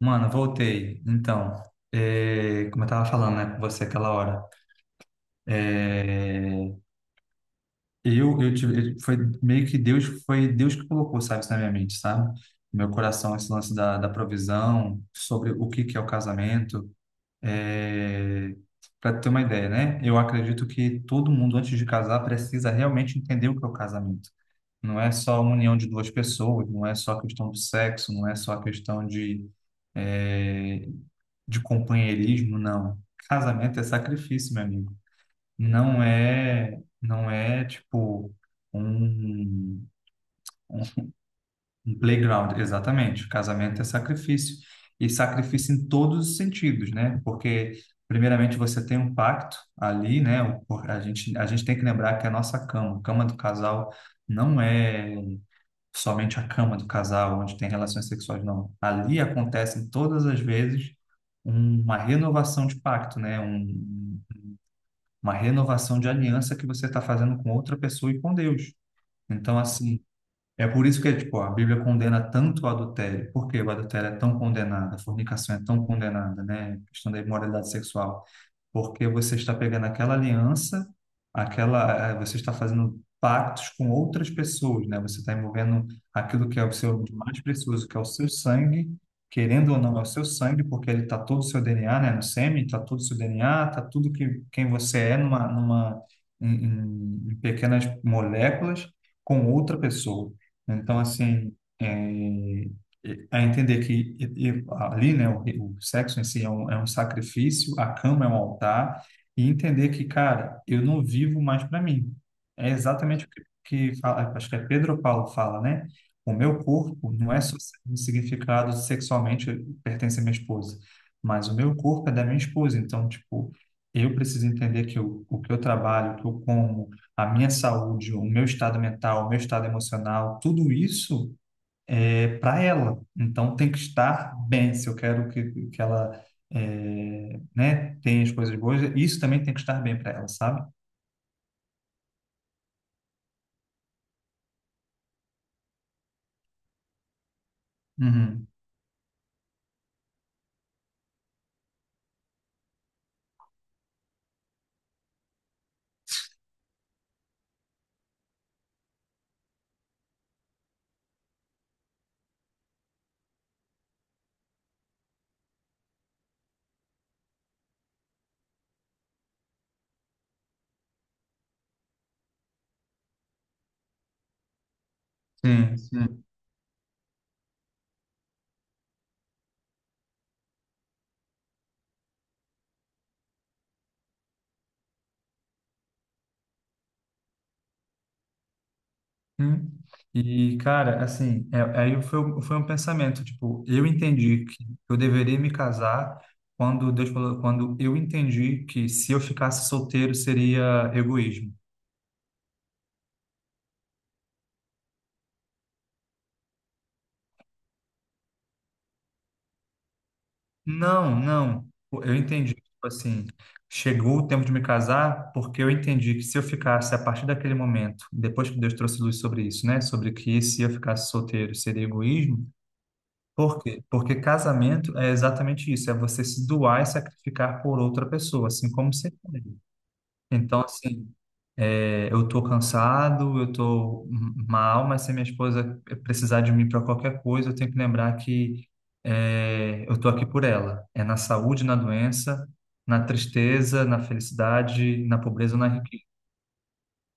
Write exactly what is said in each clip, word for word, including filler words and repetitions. Mano, voltei. Então, é, como eu tava falando, né, com você aquela hora, é, eu, eu tive, eu- foi meio que Deus, foi Deus que colocou, sabe, isso na minha mente, sabe? No meu coração, esse lance da, da provisão, sobre o que que é o casamento, é, para ter uma ideia, né? Eu acredito que todo mundo, antes de casar, precisa realmente entender o que é o casamento. Não é só a união de duas pessoas, não é só a questão do sexo, não é só a questão de é, de companheirismo, não. Casamento é sacrifício, meu amigo. Não é, não é tipo um, um, um playground, exatamente. Casamento é sacrifício. E sacrifício em todos os sentidos, né? Porque, primeiramente, você tem um pacto ali, né? O- por- A gente, a gente tem que lembrar que a nossa cama, a cama do casal, não é somente a cama do casal, onde tem relações sexuais, não. Ali acontece todas as vezes uma renovação de pacto, né? Um, uma renovação de aliança que você está fazendo com outra pessoa e com Deus. Então, assim, é por isso que tipo, a Bíblia condena tanto o adultério. Por que o adultério é tão condenado? A fornicação é tão condenada, né? A questão da imoralidade sexual, porque você está pegando aquela aliança, aquela, eh, você está fazendo pactos com outras pessoas, né? Você está envolvendo aquilo que é o seu de mais precioso, que é o seu sangue, querendo ou não, é o seu sangue, porque ele está todo o seu D N A, né? No sêmen, está todo o seu D N A, está tudo que quem você é numa, numa em, em- em pequenas moléculas com outra pessoa. Então, assim, é, a entender que e- e- ali, né, o, o sexo em si é um, é um sacrifício, a cama é um altar, e entender que, cara, eu não vivo mais para mim. É exatamente o que, que fala, acho que é Pedro Paulo fala, né? O meu corpo não é só significado sexualmente, pertence à minha esposa, mas o meu corpo é da minha esposa. Então, tipo, eu preciso entender que o, o que eu trabalho, o que eu como, a minha saúde, o meu estado mental, o meu estado emocional, tudo isso é, para ela. Então tem que estar bem. Se eu quero que, que ela é, né, tenha as coisas boas, isso também tem que estar bem para ela, sabe? Uhum. Sim, sim. Hum. E, cara, assim, é- aí foi, foi um pensamento, tipo, eu entendi que eu deveria me casar quando Deus falou, quando eu entendi que se eu ficasse solteiro seria egoísmo. Não, não. Eu entendi, tipo assim, chegou o tempo de me casar, porque eu entendi que se eu ficasse a partir daquele momento, depois que Deus trouxe luz sobre isso, né? Sobre que se eu ficasse solteiro seria egoísmo. Por quê? Porque casamento é exatamente isso, é você se doar e sacrificar por outra pessoa, assim como você. É. Então, assim, é, eu tô cansado, eu tô mal, mas se minha esposa precisar de mim para qualquer coisa, eu tenho que lembrar que é, eu tô aqui por ela. É na saúde, na doença, na tristeza, na felicidade, na pobreza, na riqueza.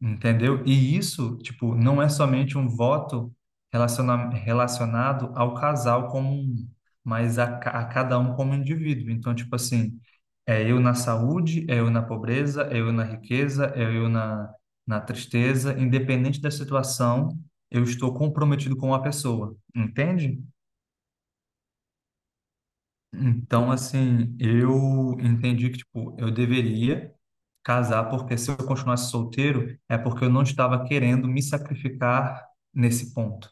Entendeu? E isso, tipo, não é somente um voto relaciona relacionado ao casal como um, mas a, ca- a cada um como indivíduo. Então, tipo assim, é eu na saúde, é eu na pobreza, é eu na riqueza, é eu na, na tristeza, independente da situação, eu estou comprometido com a pessoa, entende? Então, assim, eu entendi que, tipo, eu deveria casar, porque se eu continuasse solteiro, é porque eu não estava querendo me sacrificar nesse ponto.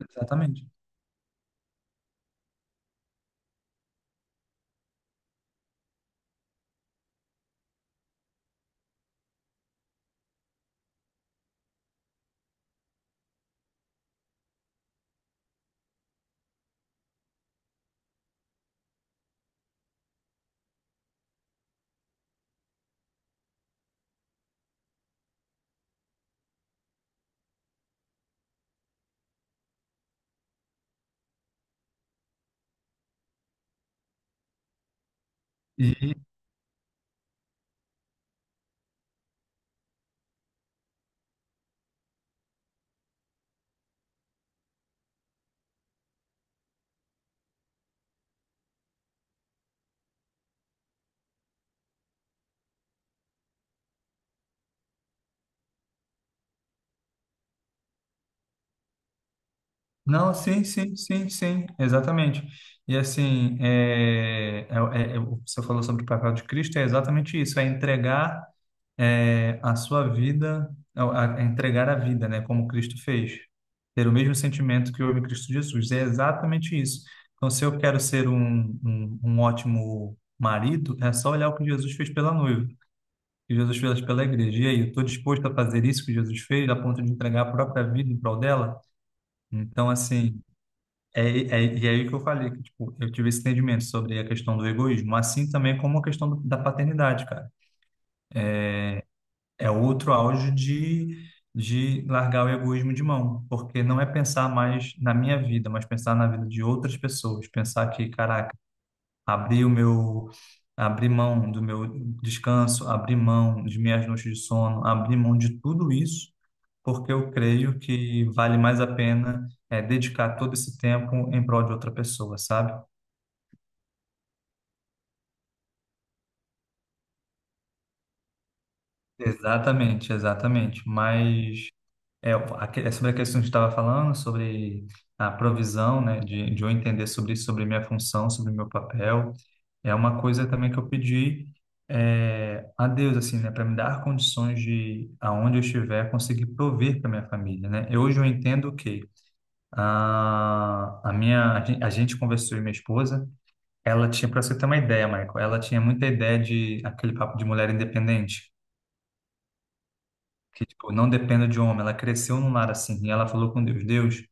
Exatamente. E, não, sim, sim, sim, sim, exatamente. E, assim, é, é, é- é- você falou sobre o papel de Cristo, é exatamente isso, é entregar é, a sua vida, é, a, a entregar a vida, né, como Cristo fez. Ter o mesmo sentimento que houve em Cristo Jesus. É exatamente isso. Então, se eu quero ser um, um, um ótimo marido, é só olhar o que Jesus fez pela noiva, o que Jesus fez pela igreja. E aí, eu estou disposto a fazer isso que Jesus fez, a ponto de entregar a própria vida em prol dela? Então, assim. É, é, e é aí que eu falei, que, tipo, eu tive esse entendimento sobre a questão do egoísmo, assim também como a questão do- da paternidade, cara. É outro auge de, de largar o egoísmo de mão, porque não é pensar mais na minha vida, mas pensar na vida de outras pessoas. Pensar que, caraca, abri o meu, abri mão do meu descanso, abri mão de minhas noites de sono, abri mão de tudo isso, porque eu creio que vale mais a pena é, dedicar todo esse tempo em prol de outra pessoa, sabe? Exatamente, exatamente. Mas é, o- aque- é sobre a questão que a gente estava falando, sobre a provisão, né, de, de eu entender sobre, sobre minha função, sobre meu papel, é uma coisa também que eu pedi é, a Deus, assim, né, para me dar condições de, aonde eu estiver, conseguir prover para minha família, né? Eu, hoje eu entendo que a, a minha, a gen- a gente conversou e minha esposa, ela tinha, para você ter uma ideia, Michael, ela tinha muita ideia de aquele papo de mulher independente que tipo, não dependa de homem. Ela cresceu num lar assim, e ela falou com Deus, Deus,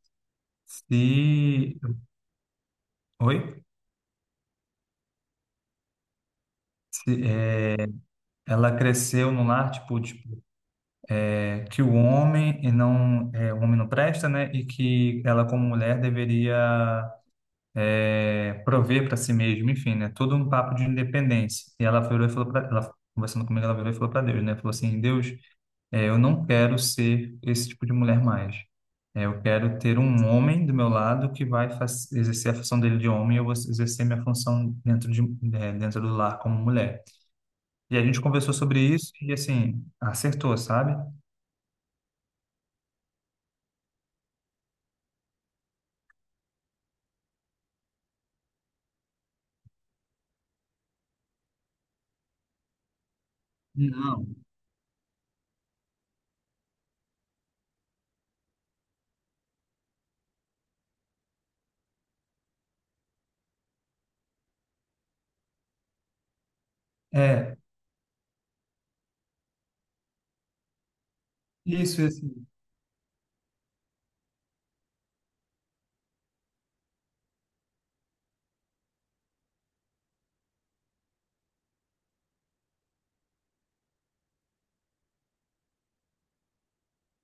Se, oi? Se, é, ela cresceu no lar, tipo, de- é, que o homem e não, é, o homem não presta, né? E que ela, como mulher, deveria é, prover para si mesma, enfim, né? Todo um papo de independência. E ela virou e falou para ela, conversando comigo, ela virou e falou para Deus, né? Falou assim, Deus, é, eu não quero ser esse tipo de mulher mais. É, eu quero ter um homem do meu lado que vai faz- exercer a função dele de homem e eu vou exercer minha função dentro de, é, dentro do lar como mulher. E a gente conversou sobre isso e, assim, acertou, sabe? Não. É, isso, isso,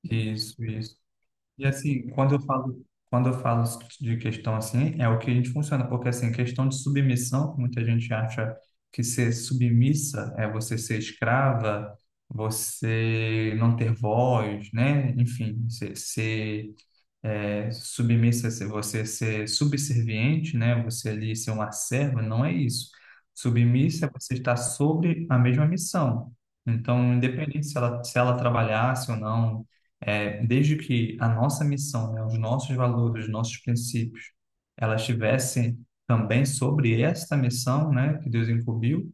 isso, isso. E assim, quando eu falo, quando eu falo de questão assim, é o que a gente funciona, porque assim, questão de submissão, muita gente acha que ser submissa é você ser escrava, você não ter voz, né? Enfim, ser, ser é, submissa, se você ser subserviente, né? Você ali ser uma serva, não é isso. Submissa é você estar sobre a mesma missão. Então, independente se ela, se ela trabalhasse ou não, é, desde que a nossa missão, né, os nossos valores, os nossos princípios, ela estivesse também sobre esta missão, né, que Deus incumbiu,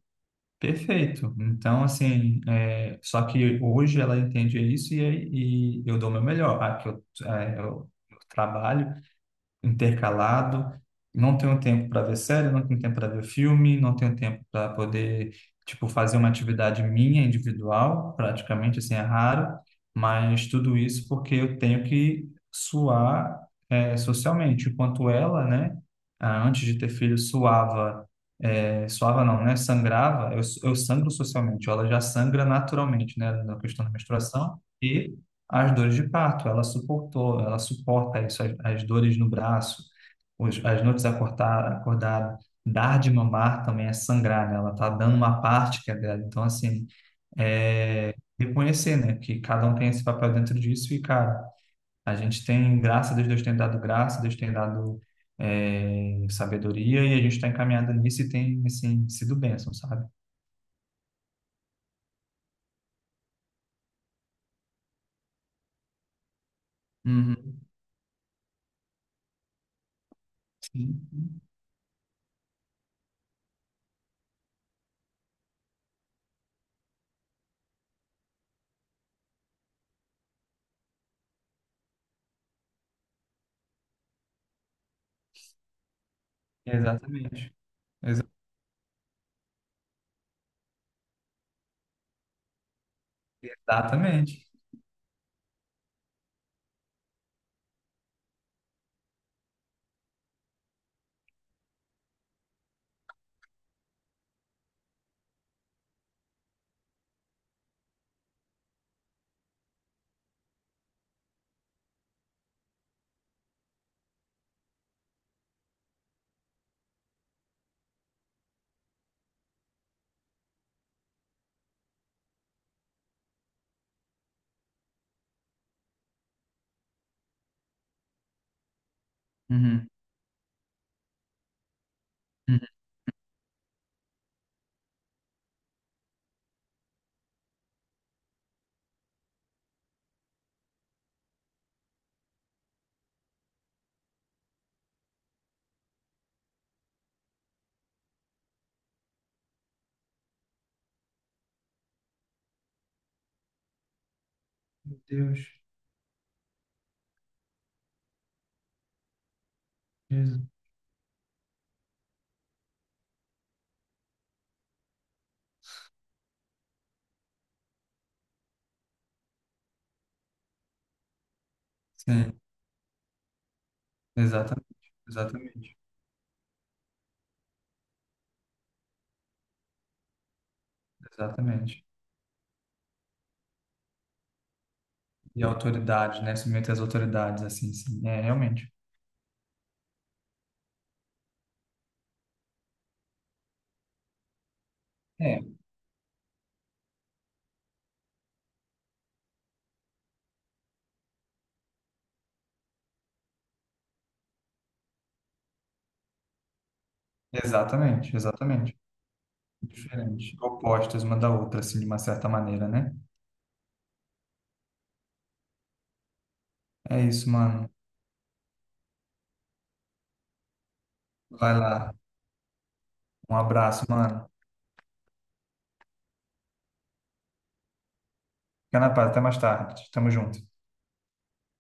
perfeito. Então, assim, é, só que hoje ela entende isso e, aí- e eu dou o meu melhor. Ah, que eu, é, eu trabalho intercalado. Não tenho tempo para ver série, não tenho tempo para ver filme, não tenho tempo para poder, tipo, fazer uma atividade minha individual, praticamente, assim, é raro, mas tudo isso porque eu tenho que suar, eh, socialmente, enquanto ela, né, ah, antes de ter filho, suava, eh, suava não, né, sangrava, eu, eu sangro socialmente, ela já sangra naturalmente, né, na questão da menstruação, e as dores de parto. Ela suportou, ela suporta isso, as, as dores no braço, os- as noites acordar, acordada, dar de mamar também é sangrar, né? Ela tá dando uma parte que é dela. Então, assim, é reconhecer, né, que cada um tem esse papel dentro disso e, cara, a gente tem graça, Deus, Deus tem dado graça, Deus tem dado é, sabedoria e a gente está encaminhado nisso e tem, assim, sido bênção, sabe? Uhum. Sim, exatamente. Exa- Exatamente. Uhum. Meu Deus. Jesus. Sim, exatamente, exatamente, exatamente. E autoridade, né? Submeter às autoridades, assim, sim. É, realmente. É, exatamente, exatamente. Diferente. Opostas uma da outra, assim, de uma certa maneira, né? É isso, mano. Vai lá. Um abraço, mano. Fica na paz, até mais tarde. Tamo junto.